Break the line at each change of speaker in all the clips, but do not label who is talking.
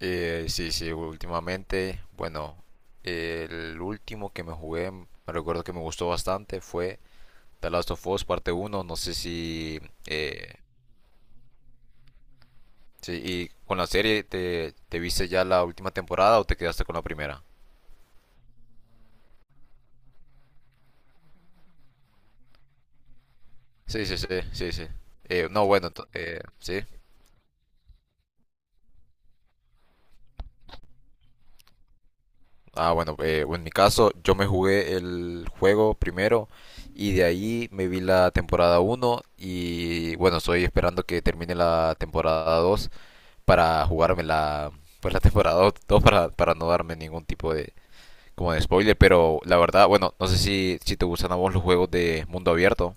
Sí, sí, últimamente, bueno, el último que me jugué, me recuerdo que me gustó bastante, fue The Last of Us parte uno. No sé si... eh, sí, y con la serie, ¿te viste ya la última temporada o te quedaste con la primera? Sí, sí, sí, sí, sí. No, bueno, sí. Ah, bueno, bueno, en mi caso, yo me jugué el juego primero y de ahí me vi la temporada uno, y bueno, estoy esperando que termine la temporada 2. Para jugarme la, pues, la temporada 2 para, no darme ningún tipo de, como de spoiler, pero la verdad, bueno, no sé si, te gustan a vos los juegos de mundo abierto.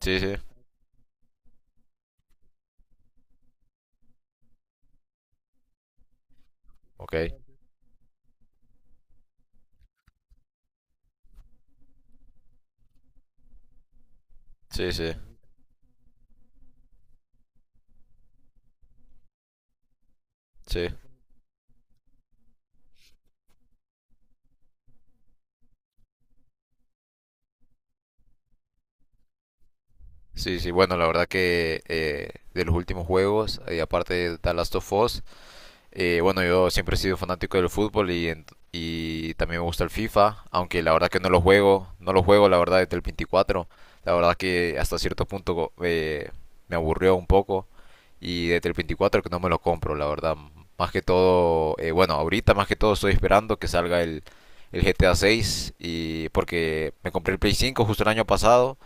Sí, sí, ok. Sí, sí, sí. Sí, sí, bueno, la verdad que, de los últimos juegos, aparte de The Last of Us, bueno, yo siempre he sido fanático del fútbol y también me gusta el FIFA, aunque la verdad que no lo juego la verdad desde el 24. La verdad que hasta cierto punto, me aburrió un poco y desde el 24 que no me lo compro, la verdad. Más que todo, bueno, ahorita más que todo estoy esperando que salga el GTA 6. Y porque me compré el Play 5 justo el año pasado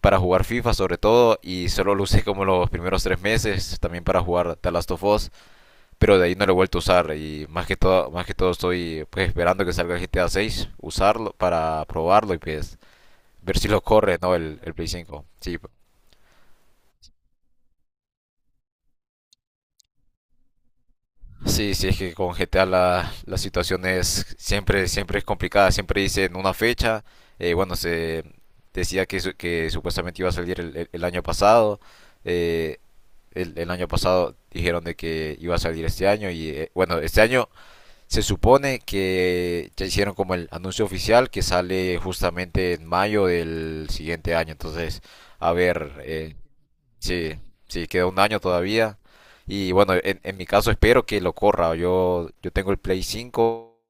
para jugar FIFA sobre todo, y solo lo usé como los primeros 3 meses, también para jugar The Last of Us, pero de ahí no lo he vuelto a usar. Y más que todo, estoy, pues, esperando que salga el GTA 6, usarlo para probarlo y, pues, ver si lo corre, ¿no? El Play 5. Sí, sí, sí, es que con GTA la, situación es siempre, siempre es complicada, siempre dicen una fecha. Bueno, se decía que, que supuestamente iba a salir el año pasado. eh, el año pasado dijeron de que iba a salir este año, y bueno, este año se supone que ya hicieron como el anuncio oficial que sale justamente en mayo del siguiente año. Entonces, a ver, sí, sí, queda un año todavía. Y bueno, en mi caso espero que lo corra. Yo tengo el Play 5,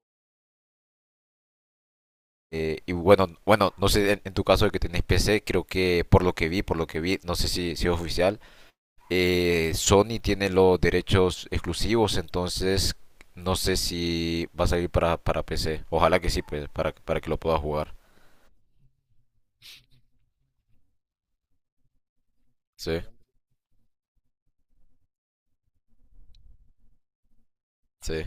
y bueno, no sé, en tu caso de que tenés PC, creo que por lo que vi, no sé si, es oficial, Sony tiene los derechos exclusivos, entonces no sé si va a salir para, PC. Ojalá que sí, pues, para, que lo pueda jugar. Sí, sí,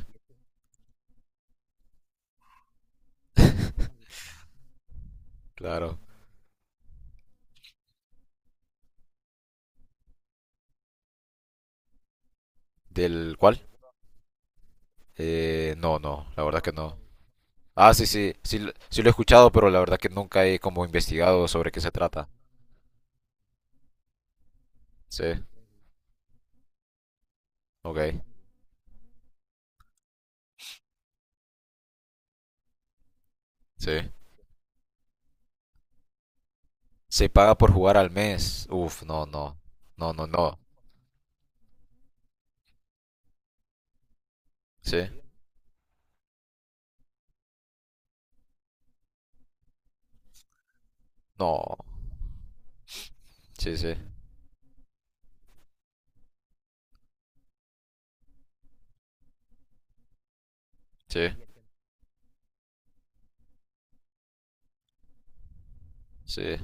claro. ¿Del cuál? No, no, la verdad que no. Ah, sí, sí, sí, sí lo he escuchado, pero la verdad que nunca he como investigado sobre qué se trata. Sí, ok, sí. Se paga por jugar al mes. Uf, no, no, no, no, no. Sí, no, sí, sí, sí, sí.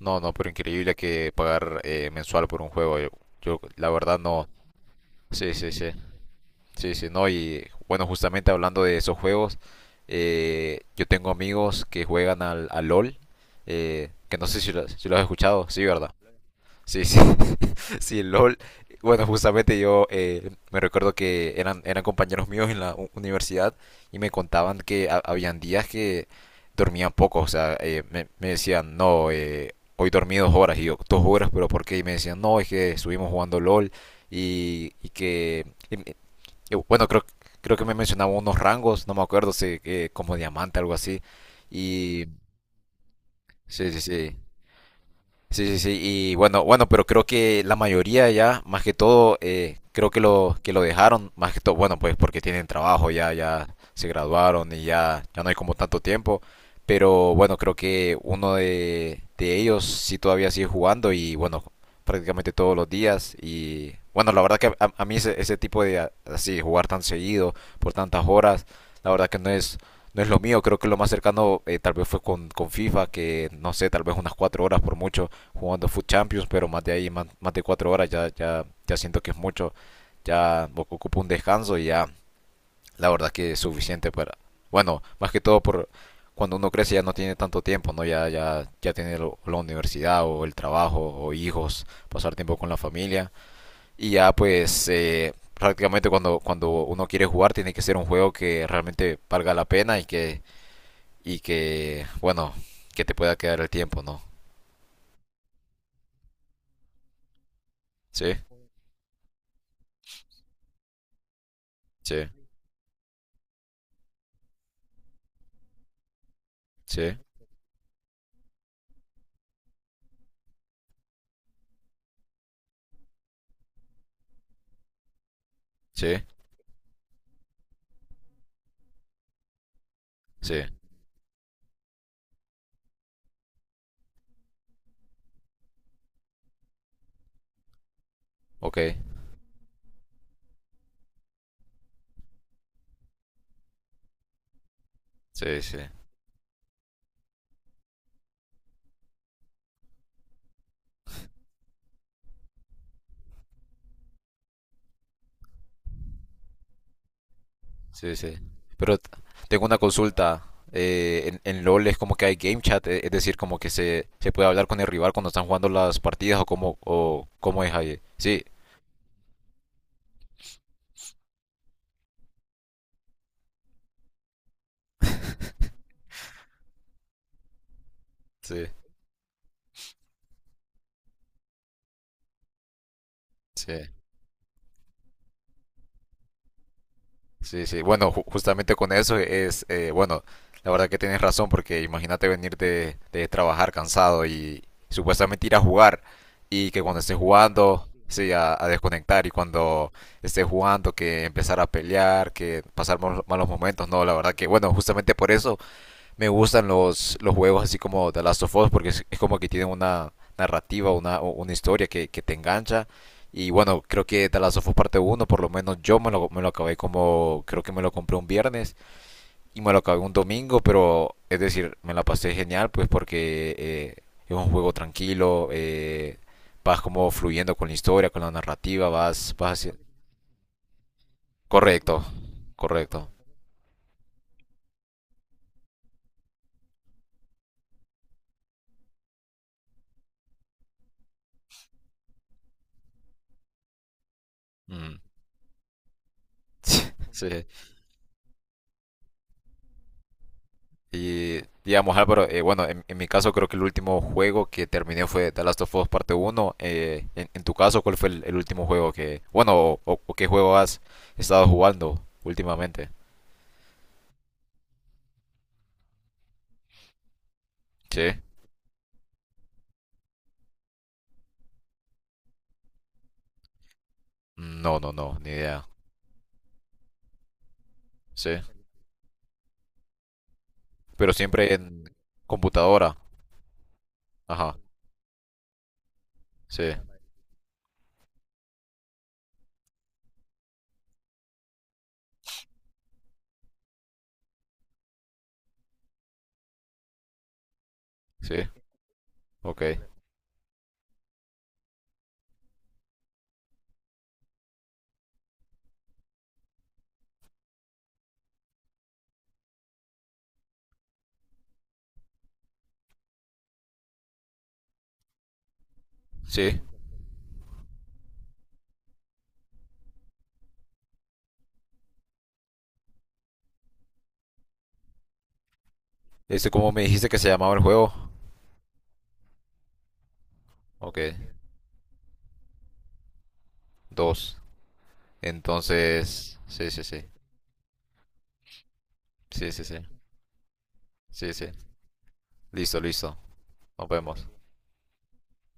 No, no, pero increíble que pagar, mensual por un juego. Yo, la verdad no. Sí, sí, sí. Sí, sí, no. Y bueno, justamente hablando de esos juegos, yo tengo amigos que juegan al LOL, que no sé si lo, has escuchado, sí, ¿verdad? Sí, sí. Sí, LOL. Bueno, justamente yo, me recuerdo que eran compañeros míos en la universidad, y me contaban que habían días que dormían poco. O sea, me decían, no, hoy dormí 2 horas. Y yo, 2 horas, pero ¿por qué? Y me decían, no, es que estuvimos jugando LOL, y, y que... y me- y bueno, creo que me mencionaban unos rangos, no me acuerdo, sé, como diamante, algo así. Y... Sí, sí, sí. Sí, sí, sí, y bueno, pero creo que la mayoría ya, más que todo, creo que lo dejaron, más que todo, bueno, pues porque tienen trabajo, ya, se graduaron, y ya, no hay como tanto tiempo, pero bueno, creo que uno de ellos sí todavía sigue jugando y bueno, prácticamente todos los días. Y bueno, la verdad que a mí ese, tipo de, así jugar tan seguido por tantas horas, la verdad que no es lo mío. Creo que lo más cercano, tal vez fue con, FIFA, que no sé, tal vez unas 4 horas por mucho, jugando Food Champions, pero más de ahí, más, de 4 horas, ya, ya, siento que es mucho, ya ocupo un descanso y ya la verdad que es suficiente para, bueno, más que todo por cuando uno crece ya no tiene tanto tiempo, ¿no? Ya, ya, tiene la universidad o el trabajo o hijos, pasar tiempo con la familia. Y ya, pues, prácticamente cuando, uno quiere jugar tiene que ser un juego que realmente valga la pena y que, bueno, que te pueda quedar el tiempo, ¿no? Sí, sí, sí, sí. Sí, ok. Sí, sí, sí, sí. Pero tengo una consulta. En LOL es como que hay game chat, es decir, como que se, puede hablar con el rival cuando están jugando las partidas, o cómo, es ahí. Sí, sí, sí. Sí, sí, bueno, justamente con eso es, bueno, la verdad que tienes razón, porque imagínate venir de, trabajar cansado y supuestamente ir a jugar, y que cuando estés jugando, sí, a, desconectar, y cuando estés jugando que empezar a pelear, que pasar malos momentos, no, la verdad que, bueno, justamente por eso me gustan los, juegos así como The Last of Us, porque es, como que tienen una narrativa, una historia que, te engancha. Y bueno, creo que The Last of Us parte uno, por lo menos yo me lo acabé como, creo que me lo compré un viernes y me lo acabé un domingo, pero es decir, me la pasé genial, pues porque, es un juego tranquilo, vas como fluyendo con la historia, con la narrativa, vas, hacia- Correcto, correcto. Mm. Sí, y digamos, Álvaro, bueno, en mi caso creo que el último juego que terminé fue The Last of Us Parte Uno. En tu caso, ¿cuál fue el último juego que, bueno, o qué juego has estado jugando últimamente? Sí. No, no, no, ni idea. Sí. Pero siempre en computadora. Ajá. Sí, sí. Ok. Sí. Este, ¿cómo me dijiste que se llamaba el juego? Ok. Dos. Entonces, sí, sí, sí. Sí, sí, sí. Sí, sí. Listo, listo. Nos vemos.